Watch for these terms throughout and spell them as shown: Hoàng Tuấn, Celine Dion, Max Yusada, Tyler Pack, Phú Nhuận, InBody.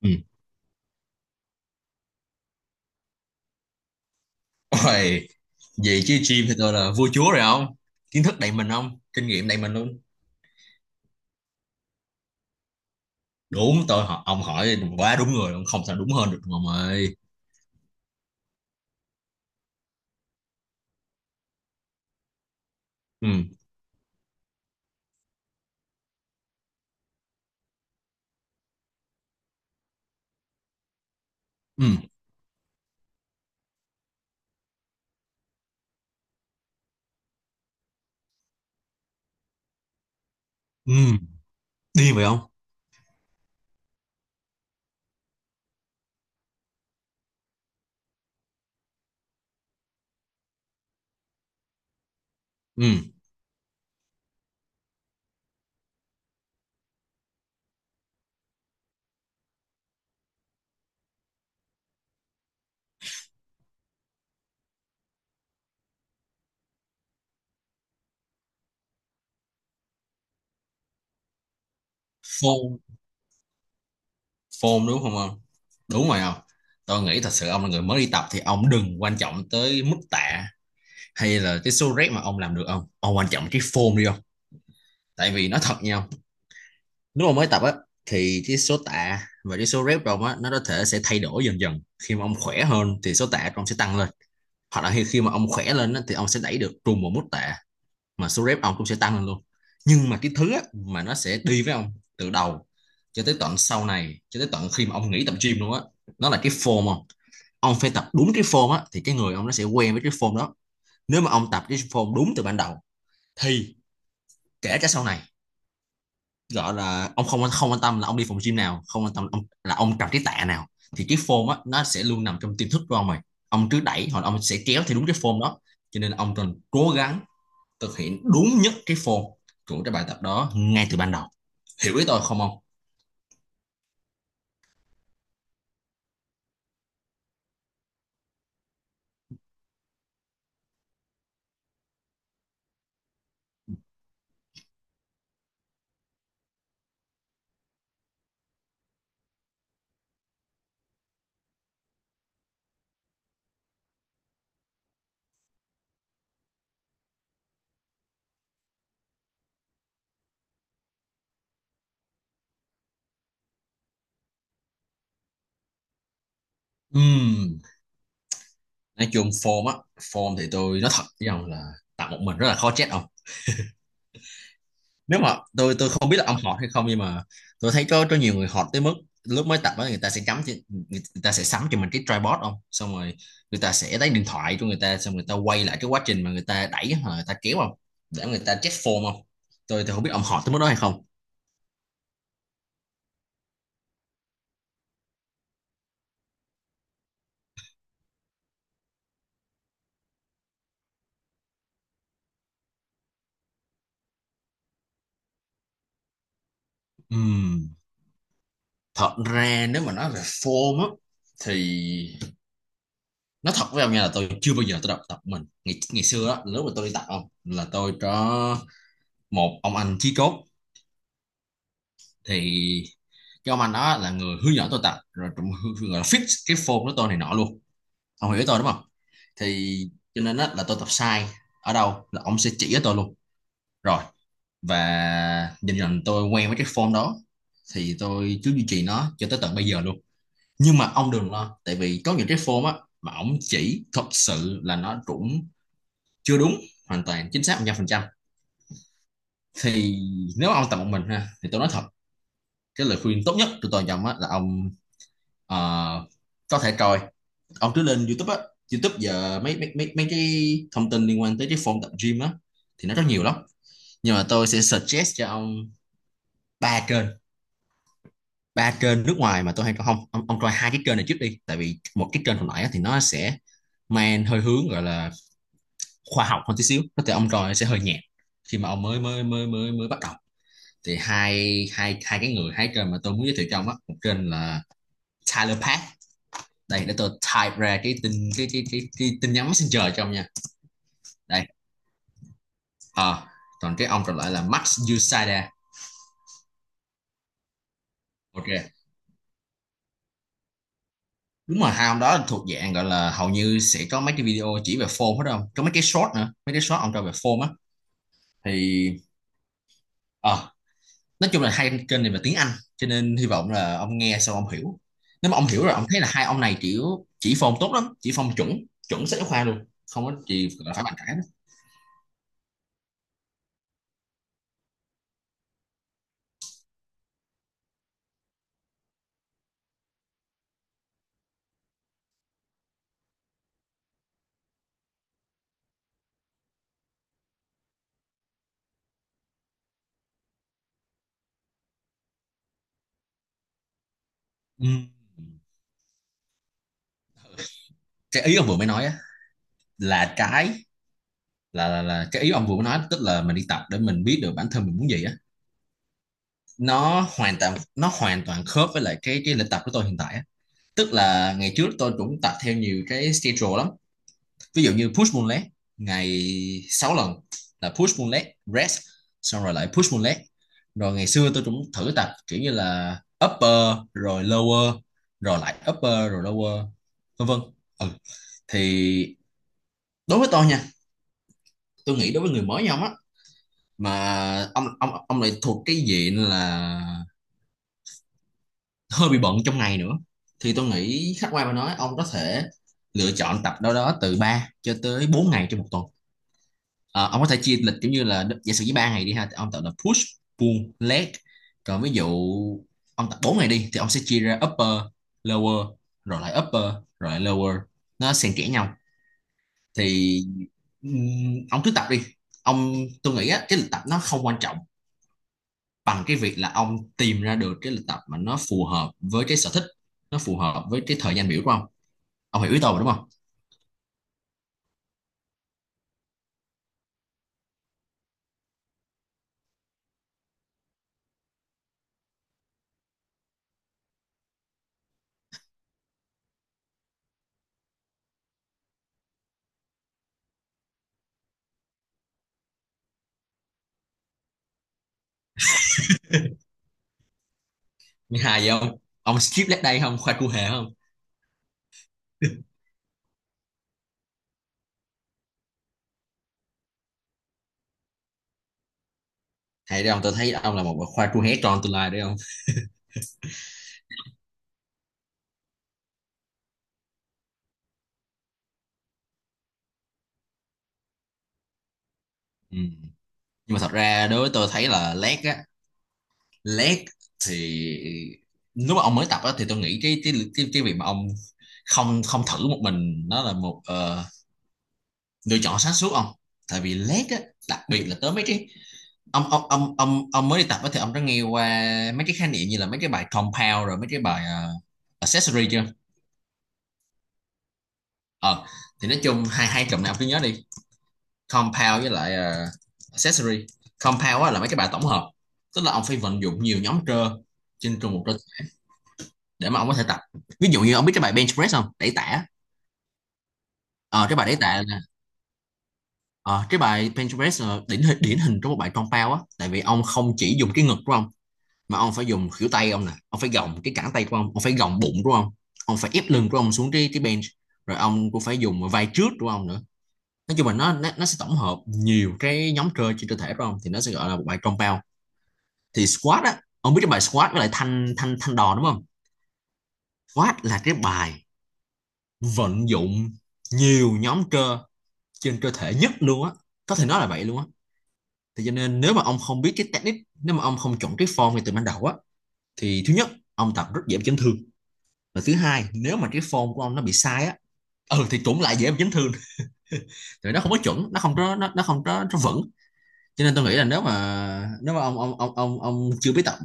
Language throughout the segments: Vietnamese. Ừ. Ôi, Vậy chứ gym thì tôi là vua chúa rồi không? Kiến thức đầy mình không? Kinh nghiệm đầy mình luôn. Đúng, tôi hỏi, ông hỏi quá đúng người, ông không sao đúng hơn được ông ơi. Ừ, ừ, ừ, đi vậy không? Ừ, form form đúng không ông? Đúng rồi không? Tôi nghĩ thật sự ông là người mới đi tập thì ông đừng quan trọng tới mức tạ hay là cái số rep mà ông làm được không? Ông quan trọng cái form đi không? Tại vì nói thật nha, nếu mà mới tập á thì cái số tạ và cái số rep của ông á nó có thể sẽ thay đổi dần dần. Khi mà ông khỏe hơn thì số tạ của ông sẽ tăng lên, hoặc là khi khi mà ông khỏe lên á, thì ông sẽ đẩy được trùng một mức tạ mà số rep ông cũng sẽ tăng lên luôn. Nhưng mà cái thứ á, mà nó sẽ đi với ông từ đầu cho tới tận sau này, cho tới tận khi mà ông nghỉ tập gym luôn á, nó là cái form không? Ông phải tập đúng cái form á thì cái người ông nó sẽ quen với cái form đó. Nếu mà ông tập cái form đúng từ ban đầu thì kể cả sau này, gọi là ông không không quan tâm là ông đi phòng gym nào, không quan tâm ông, là ông cầm cái tạ nào, thì cái form á nó sẽ luôn nằm trong tiềm thức của ông rồi. Ông cứ đẩy hoặc ông sẽ kéo theo đúng cái form đó. Cho nên ông cần cố gắng thực hiện đúng nhất cái form của cái bài tập đó ngay từ ban đầu. Hiểu ý tôi không ông? Ừm, nói chung form á, form thì tôi nói thật với ông là tập một mình rất là khó chết ông. Nếu mà tôi không biết là ông họt hay không, nhưng mà tôi thấy có nhiều người họt tới mức lúc mới tập á người ta sẽ người ta sẽ sắm cho mình cái tripod không, xong rồi người ta sẽ lấy điện thoại cho người ta, xong người ta quay lại cái quá trình mà người ta đẩy hoặc là người ta kéo không, để người ta check form không. Tôi không biết ông họt tới mức đó hay không. Ừm, Thật ra nếu mà nói về form á thì nói thật với ông nha, là tôi chưa bao giờ tôi tập tập mình ngày ngày xưa á, lúc mà tôi đi tập không, là tôi có một ông anh chí cốt, thì cho anh đó là người hướng dẫn tôi tập, rồi cũng gọi là fix cái form của tôi này nọ luôn. Ông hiểu tôi đúng không? Thì cho nên là tôi tập sai ở đâu là ông sẽ chỉ cho tôi luôn, rồi và dần dần tôi quen với cái form đó, thì tôi cứ duy trì nó cho tới tận bây giờ luôn. Nhưng mà ông đừng lo, tại vì có những cái form á mà ông chỉ thật sự là nó cũng chưa đúng hoàn toàn chính xác 100%. Thì nếu ông tập một mình ha, thì tôi nói thật, cái lời khuyên tốt nhất của tôi cho ông á là ông Ờ, có thể coi, ông cứ lên YouTube á. YouTube giờ mấy mấy mấy mấy cái thông tin liên quan tới cái form tập gym á thì nó rất nhiều lắm. Nhưng mà tôi sẽ suggest cho ông ba kênh, ba kênh nước ngoài mà tôi hay coi không ông, ông coi hai cái kênh này trước đi. Tại vì một cái kênh hồi nãy á, thì nó sẽ mang hơi hướng gọi là khoa học hơn tí xíu, có thể ông coi sẽ hơi nhạt khi mà ông mới mới mới mới mới bắt đầu. Thì hai hai hai cái người hai kênh mà tôi muốn giới thiệu cho ông á, một kênh là Tyler Pack. Đây, để tôi type ra cái tin nhắn messenger cho ông nha. Đây, ờ còn cái ông còn lại là Max Yusada. Ok, đúng rồi, hai ông đó thuộc dạng gọi là hầu như sẽ có mấy cái video chỉ về form hết không, có mấy cái short nữa, mấy cái short ông cho về form á, thì ờ nói chung là hai kênh này về tiếng Anh, cho nên hy vọng là ông nghe xong ông hiểu. Nếu mà ông hiểu rồi ông thấy là hai ông này kiểu chỉ form tốt lắm, chỉ form chuẩn, chuẩn sách giáo khoa luôn, không có gì phải bàn cãi đó. Ừ. Cái ý ông vừa mới nói á, là cái, là cái ý ông vừa nói, tức là mình đi tập để mình biết được bản thân mình muốn gì á, nó hoàn toàn, nó hoàn toàn khớp với lại cái lịch tập của tôi hiện tại á. Tức là ngày trước tôi cũng tập theo nhiều cái schedule lắm, ví dụ như push pull leg, ngày 6 lần, là push pull leg rest, xong rồi lại push pull leg, rồi ngày xưa tôi cũng thử tập kiểu như là upper rồi lower, rồi lại upper rồi lower, vân vân. Ừ. Thì đối với tôi nha, tôi nghĩ đối với người mới nhau á, mà ông lại thuộc cái diện là hơi bị bận trong ngày nữa, thì tôi nghĩ khách quan mà nói, ông có thể lựa chọn tập đâu đó từ 3 cho tới 4 ngày trong một tuần. Ờ, ông có thể chia lịch giống như là giả sử với 3 ngày đi ha, thì ông tập là push pull leg. Còn ví dụ ông tập 4 ngày đi thì ông sẽ chia ra upper lower, rồi lại upper rồi lại lower, nó xen kẽ nhau. Thì ừm, ông cứ tập đi ông, tôi nghĩ á, cái lịch tập nó không quan trọng bằng cái việc là ông tìm ra được cái lịch tập mà nó phù hợp với cái sở thích, nó phù hợp với cái thời gian biểu của ông. Ông hiểu ý tôi mà, đúng không? Thứ hai giờ ông skip leg day không khoa cua hề không? Hay đấy ông, tôi thấy ông là một khoa cua hé tròn tương lai đấy ông. Ừ. Nhưng mà thật ra đối với tôi thấy là leg á, leg thì nếu mà ông mới tập á thì tôi nghĩ cái việc mà ông không không thử một mình nó là một lựa chọn sáng suốt ông. Tại vì leg á, đặc biệt là tới mấy cái, ông mới đi tập á thì ông đã nghe qua mấy cái khái niệm như là mấy cái bài compound rồi mấy cái bài accessory chưa? Ờ, thì nói chung hai hai cụm này ông cứ nhớ đi: compound với lại accessory. Compound á là mấy cái bài tổng hợp, tức là ông phải vận dụng nhiều nhóm cơ trên cùng một cơ để mà ông có thể tập. Ví dụ như ông biết cái bài bench press không, đẩy tạ. Ờ cái bài đẩy tạ là, ờ, cái bài bench press là điển hình, điển hình trong một bài compound á, tại vì ông không chỉ dùng cái ngực của ông mà ông phải dùng khuỷu tay ông nè, ông phải gồng cái cẳng tay của ông phải gồng bụng của ông phải ép lưng của ông xuống cái bench, rồi ông cũng phải dùng vai trước của ông nữa. Nói chung là sẽ tổng hợp nhiều cái nhóm cơ trên cơ thể của ông thì nó sẽ gọi là một bài compound. Thì squat á, ông biết cái bài squat với lại thanh thanh thanh đòn đúng không? Squat là cái bài vận dụng nhiều nhóm cơ trên cơ thể nhất luôn á, có thể nói là vậy luôn á. Thì cho nên nếu mà ông không biết cái technique, nếu mà ông không chuẩn cái form ngay từ ban đầu á, thì thứ nhất, ông tập rất dễ chấn thương. Và thứ hai, nếu mà cái form của ông nó bị sai á, ừ, thì cũng lại dễ bị chấn thương. Tại nó không có chuẩn, nó không có nó vững. Cho nên tôi nghĩ là nếu mà ông chưa biết tập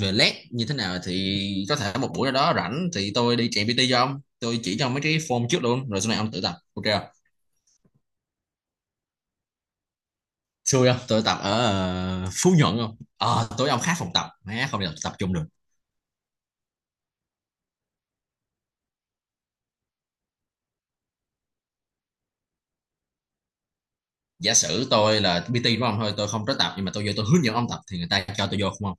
về led như thế nào, thì có thể một buổi nào đó rảnh thì tôi đi chạy PT cho ông, tôi chỉ cho ông mấy cái form trước luôn, rồi sau này ông tự tập ok không? Xui không, tôi tập ở Phú Nhuận không. Tối ông khác phòng tập má, không thể tập chung được. Giả sử tôi là PT của ông thôi, tôi không có tập, nhưng mà tôi vô tôi hướng dẫn ông tập thì người ta cho tôi vô không?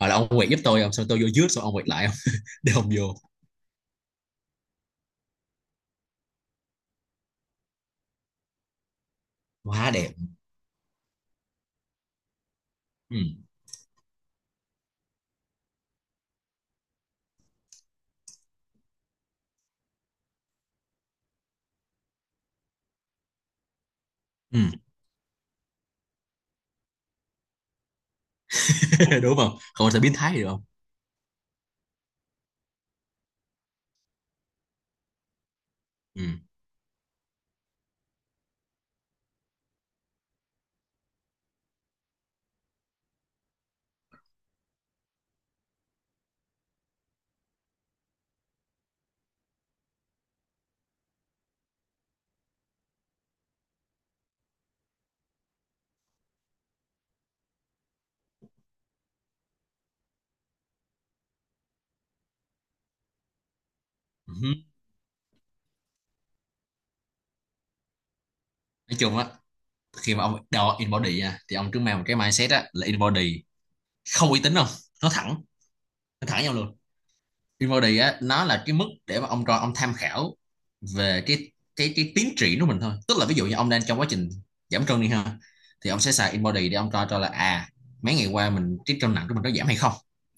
Hoặc là ông quẹt giúp tôi ông, xong tôi vô trước, xong ông quẹt lại không? Để ông vô. Quá đẹp. Ừ. Ừ. Đúng không, không sẽ biến thái được không. Ừ. Ừ. Nói chung á, khi mà ông đo in body nha, thì ông cứ mang một cái mindset á là in body không uy tín không, nó thẳng nó thẳng nhau luôn. Peabody á nó là cái mức để mà ông cho ông tham khảo về cái tiến triển của mình thôi, tức là ví dụ như ông đang trong quá trình giảm cân đi ha, thì ông sẽ xài InBody để ông coi cho là à, mấy ngày qua mình cái cân nặng của mình có giảm hay không.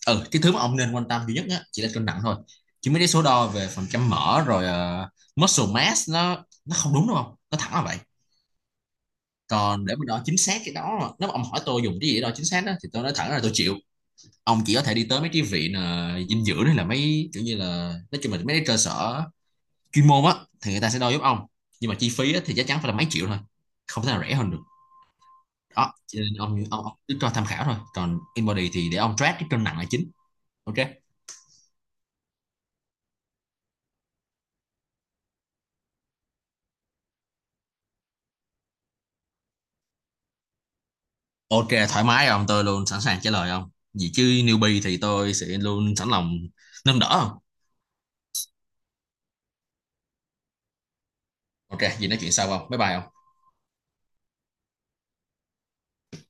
Ừ, cái thứ mà ông nên quan tâm duy nhất á chỉ là cân nặng thôi, chứ mấy cái số đo về phần trăm mỡ rồi muscle mass, nó không đúng đúng không, nó thẳng là vậy. Còn để mà đo chính xác cái đó, nếu mà ông hỏi tôi dùng cái gì để đo chính xác đó, thì tôi nói thẳng là tôi chịu. Ông chỉ có thể đi tới mấy cái viện dinh dưỡng, hay là mấy kiểu như là nói chung là mấy cái cơ sở chuyên môn á, thì người ta sẽ đo giúp ông. Nhưng mà chi phí á, thì chắc chắn phải là mấy triệu thôi, không thể nào rẻ hơn được. Đó, cho nên ông cứ cho tham khảo thôi, còn InBody thì để ông track cái cân nặng là chính. Ok. Ok thoải mái ông, tôi luôn sẵn sàng trả lời ông, gì chứ newbie thì tôi sẽ luôn sẵn lòng nâng đỡ ông. Ok, gì nói chuyện sau không, bye bye ông.